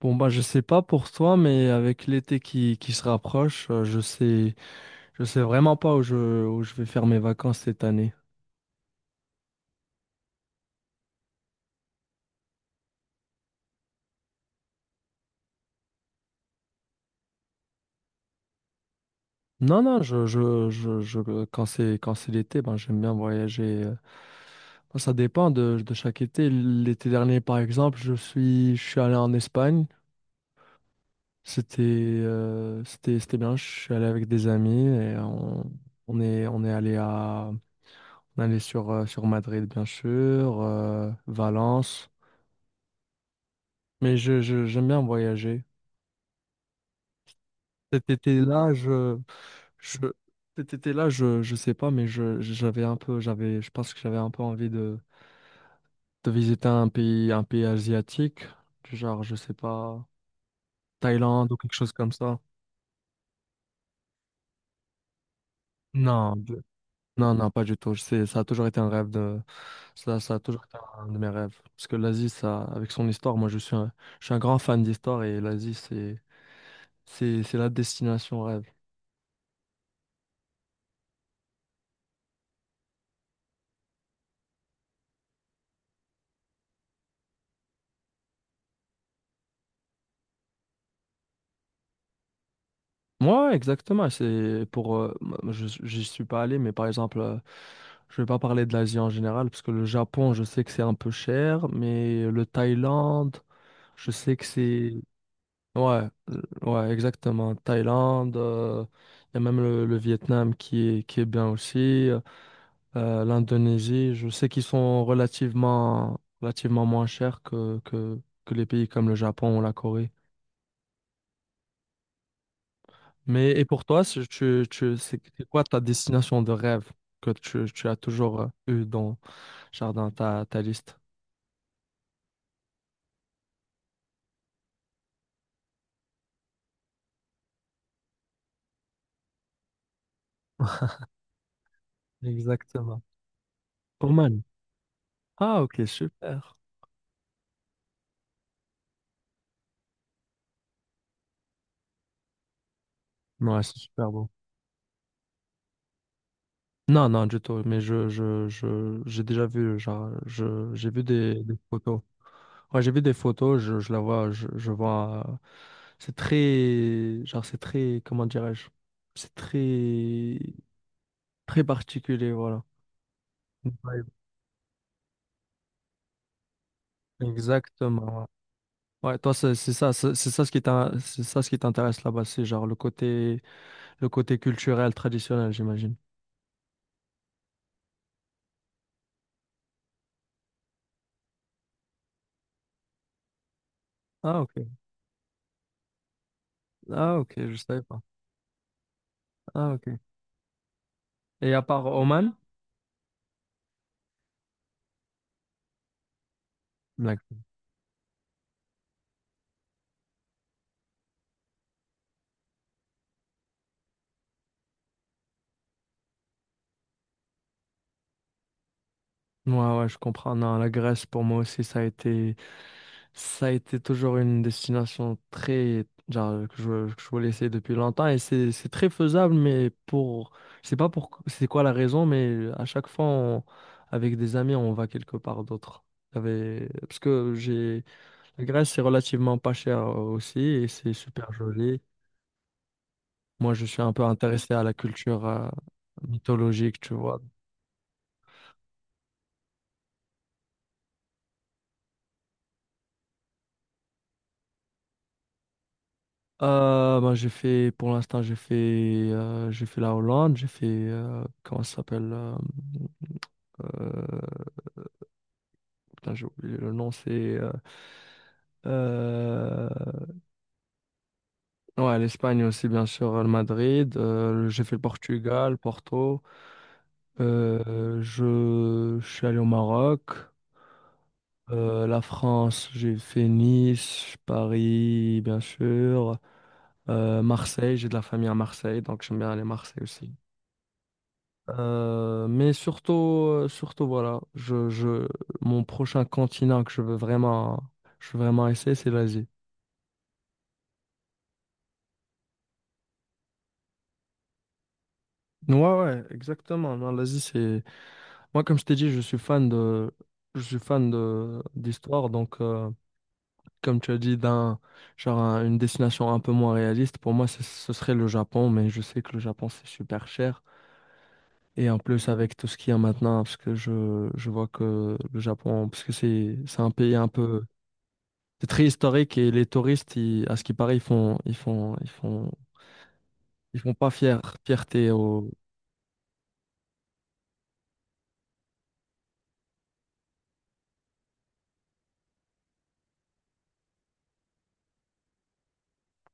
Bon bah je sais pas pour toi mais avec l'été qui se rapproche, je sais vraiment pas où je vais faire mes vacances cette année. Non non, je quand c'est l'été, ben j'aime bien voyager. Bon, ça dépend de chaque été. L'été dernier par exemple, je suis allé en Espagne. C'était c'était bien, je suis allé avec des amis et on est on est allé à on est allé sur sur Madrid bien sûr, Valence. Mais j'aime bien voyager. Cet été-là, je, cet été-là, je sais pas, mais je, j'avais un peu, j'avais, je pense que j'avais un peu envie de visiter un pays asiatique, du genre, je sais pas, Thaïlande ou quelque chose comme ça. Non, de- non, non, pas du tout. Ça a toujours été un rêve de, ça a toujours été un de mes rêves. Parce que l'Asie, ça, avec son histoire, moi, je suis un grand fan d'histoire et l'Asie, c'est la destination rêve. Moi, exactement. C'est pour, j'y suis pas allé, mais par exemple, je vais pas parler de l'Asie en général, parce que le Japon, je sais que c'est un peu cher, mais le Thaïlande, je sais que c'est, ouais, ouais, exactement. Thaïlande, il y a même le Vietnam qui est bien aussi, l'Indonésie, je sais qu'ils sont relativement moins chers que les pays comme le Japon ou la Corée. Mais et pour toi, c'est c'est quoi ta destination de rêve que tu as toujours eu dans Jardin, ta liste? Exactement. Oman. Ah, ok, super. Ouais, c'est super beau. Non, non, du tout. Mais j'ai déjà vu, genre, j'ai vu des photos. Ouais, j'ai vu des photos, je vois. C'est très, genre, c'est très, comment dirais-je? C'est très, très particulier, voilà. Ouais, exactement. Ouais, toi, c'est ça ce qui t'in- c'est ça ce qui t'intéresse là-bas, c'est genre le côté culturel, traditionnel, j'imagine. Ah, ok. Ah, ok, je savais pas. Ah, ok. Et à part Oman? D'accord. Ouais, ouais, je comprends. Non, la Grèce, pour moi aussi, ça a été toujours une destination très, genre, que que je voulais essayer depuis longtemps et c'est très faisable, mais pour, je sais pas pour, c'est quoi la raison, mais à chaque fois, on- avec des amis, on va quelque part d'autre. J'avais- Parce que j'ai la Grèce, c'est relativement pas cher aussi et c'est super joli. Moi, je suis un peu intéressé à la culture mythologique, tu vois. Ben, j'ai fait la Hollande, j'ai fait, comment ça s'appelle euh, putain, j'ai oublié le nom, c'est... euh, ouais, l'Espagne aussi, bien sûr, le Madrid. J'ai fait le Portugal, Porto. Je suis allé au Maroc. La France, j'ai fait Nice, Paris, bien sûr. Marseille, j'ai de la famille à Marseille, donc j'aime bien aller à Marseille aussi. Mais surtout, mon prochain continent que je veux vraiment essayer, c'est l'Asie. Ouais, ouais, exactement. Non, l'Asie, c'est. Moi, comme je t'ai dit, je suis fan de d'histoire, donc. Comme tu as dit, d'un genre un- une destination un peu moins réaliste, pour moi, ce serait le Japon, mais je sais que le Japon, c'est super cher. Et en plus, avec tout ce qu'il y a maintenant, parce que je vois que le Japon, parce que c'est un pays un peu... C'est très historique et les touristes, ils- à ce qui paraît, ils font pas fier, fierté au...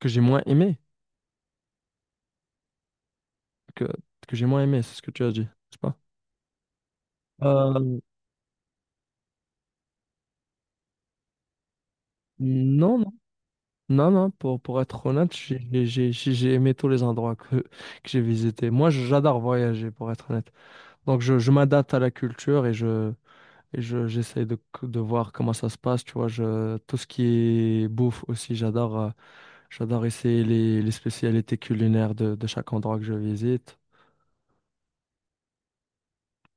que j'ai moins aimé, que, que j'ai moins aimé, c'est ce que tu as dit, n'est-ce pas? Euh, Non, non, non, pour être honnête, j'ai aimé tous les endroits que j'ai visités. Moi, j'adore voyager, pour être honnête. Donc, je m'adapte à la culture et j'essaie de voir comment ça se passe. Tu vois, je, tout ce qui est bouffe aussi, j'adore, j'adore essayer les spécialités culinaires de chaque endroit que je visite.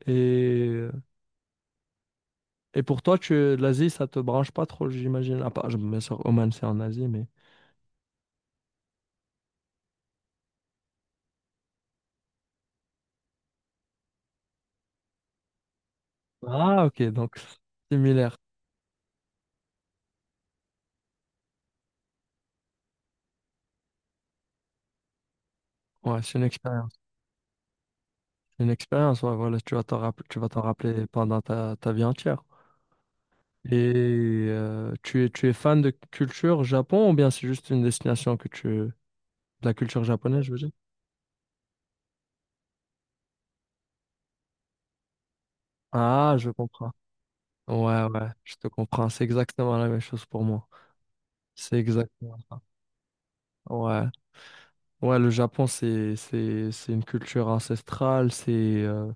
Et, et pour toi, tu, l'Asie, ça te branche pas trop, j'imagine. À part, bien sûr, Oman, c'est en Asie, mais. Ah, ok, donc, similaire. Ouais, c'est une expérience. Une expérience, ouais, voilà, tu vas t'en rapp- tu vas t'en rappeler pendant ta vie entière. Et tu es fan de culture Japon ou bien c'est juste une destination que tu... de la culture japonaise, je veux dire? Ah, je comprends. Ouais, ouais, je te comprends. C'est exactement la même chose pour moi. C'est exactement. Ouais. Ouais, le Japon, c'est une culture ancestrale, c'est...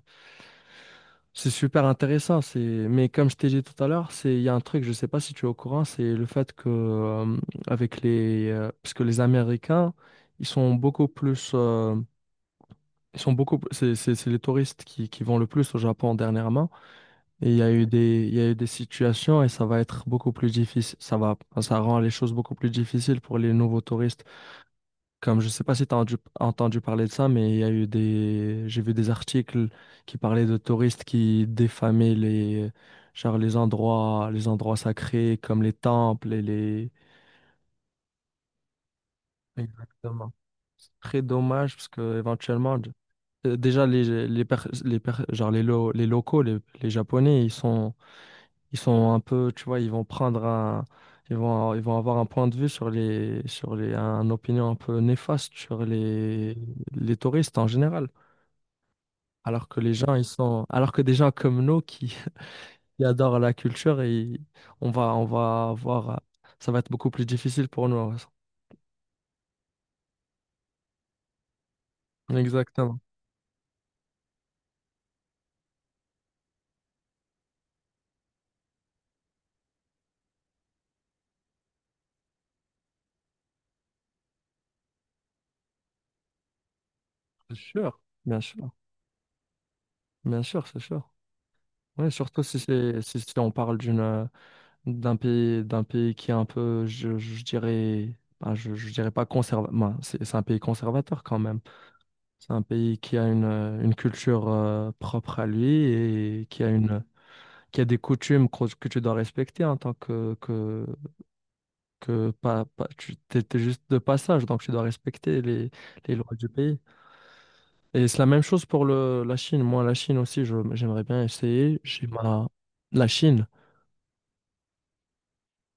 C'est super intéressant, c'est... mais comme je t'ai dit tout à l'heure, c'est... il y a un truc, je sais pas si tu es au courant, c'est le fait que, avec les... parce que les Américains, ils sont beaucoup plus... ils sont beaucoup... p- C'est les touristes qui vont le plus au Japon dernièrement. Et il y a eu des... il y a eu des situations et ça va être beaucoup plus difficile. Ça va... enfin, ça rend les choses beaucoup plus difficiles pour les nouveaux touristes. Comme je sais pas si tu as entendu parler de ça, mais il y a eu des, j'ai vu des articles qui parlaient de touristes qui défamaient les, genre les endroits sacrés comme les temples et les. Exactement. C'est très dommage parce que éventuellement, d- déjà les per- genre les lo- les locaux, les Japonais, ils sont un peu, tu vois, ils vont prendre un, ils vont avoir un point de vue un opinion un peu néfaste sur les touristes en général. Alors que les gens, ils sont, alors que des gens comme nous qui, qui adorent la culture, et on va avoir, ça va être beaucoup plus difficile pour nous. Ouais. Exactement. C'est sûr, bien sûr, bien sûr, c'est sûr. Oui, surtout si c'est, si on parle d'une, d'un pays qui est un peu, je dirais, je dirais pas conservateur. c'est un pays conservateur quand même. C'est un pays qui a une culture propre à lui et qui a une, qui a des coutumes que tu dois respecter en tant que pas, pas, tu étais juste de passage, donc tu dois respecter les lois du pays. Et c'est la même chose pour le, la Chine. Moi, la Chine aussi, je- j'aimerais bien essayer. J'ai ma... La Chine,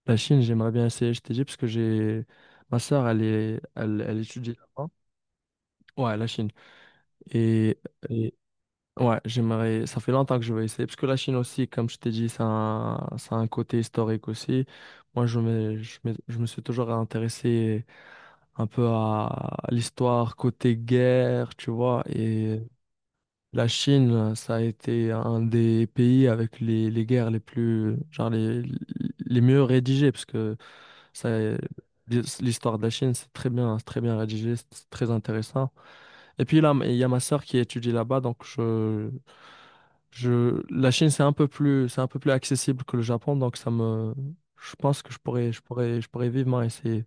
la Chine, j'aimerais bien essayer, je t'ai dit, parce que j'ai... Ma sœur, elle étudie là-bas. Ouais, la Chine. Et, et ouais, j'aimerais. Ça fait longtemps que je veux essayer. Parce que la Chine aussi, comme je t'ai dit, ça a un côté historique aussi. Moi, je me suis toujours intéressé un peu à l'histoire côté guerre, tu vois. Et la Chine, ça a été un des pays avec les guerres les plus, genre les mieux rédigées. Parce que ça, l'histoire de la Chine, c'est très bien rédigé, c'est très intéressant. Et puis là, il y a ma sœur qui étudie là-bas, donc la Chine, c'est un peu plus accessible que le Japon, donc ça me, je pense que je pourrais vivement essayer.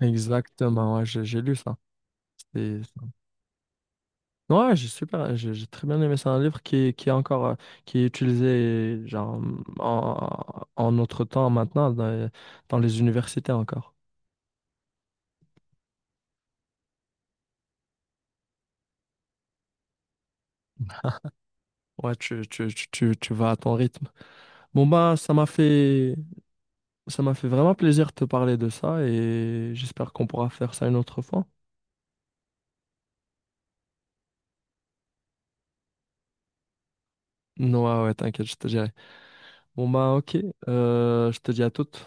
Exactement, ouais, j'ai lu ça. C'était- Ouais, j'ai super, j'ai très bien aimé. C'est un livre qui est encore, qui est utilisé genre en, en notre temps maintenant dans, dans les universités encore. Ouais, tu vas à ton rythme. Bon bah, ça m'a fait, ça m'a fait vraiment plaisir de te parler de ça et j'espère qu'on pourra faire ça une autre fois. Non, ouais, ouais, t'inquiète, je te dirai. Bon, bah, ok. Je te dis à toute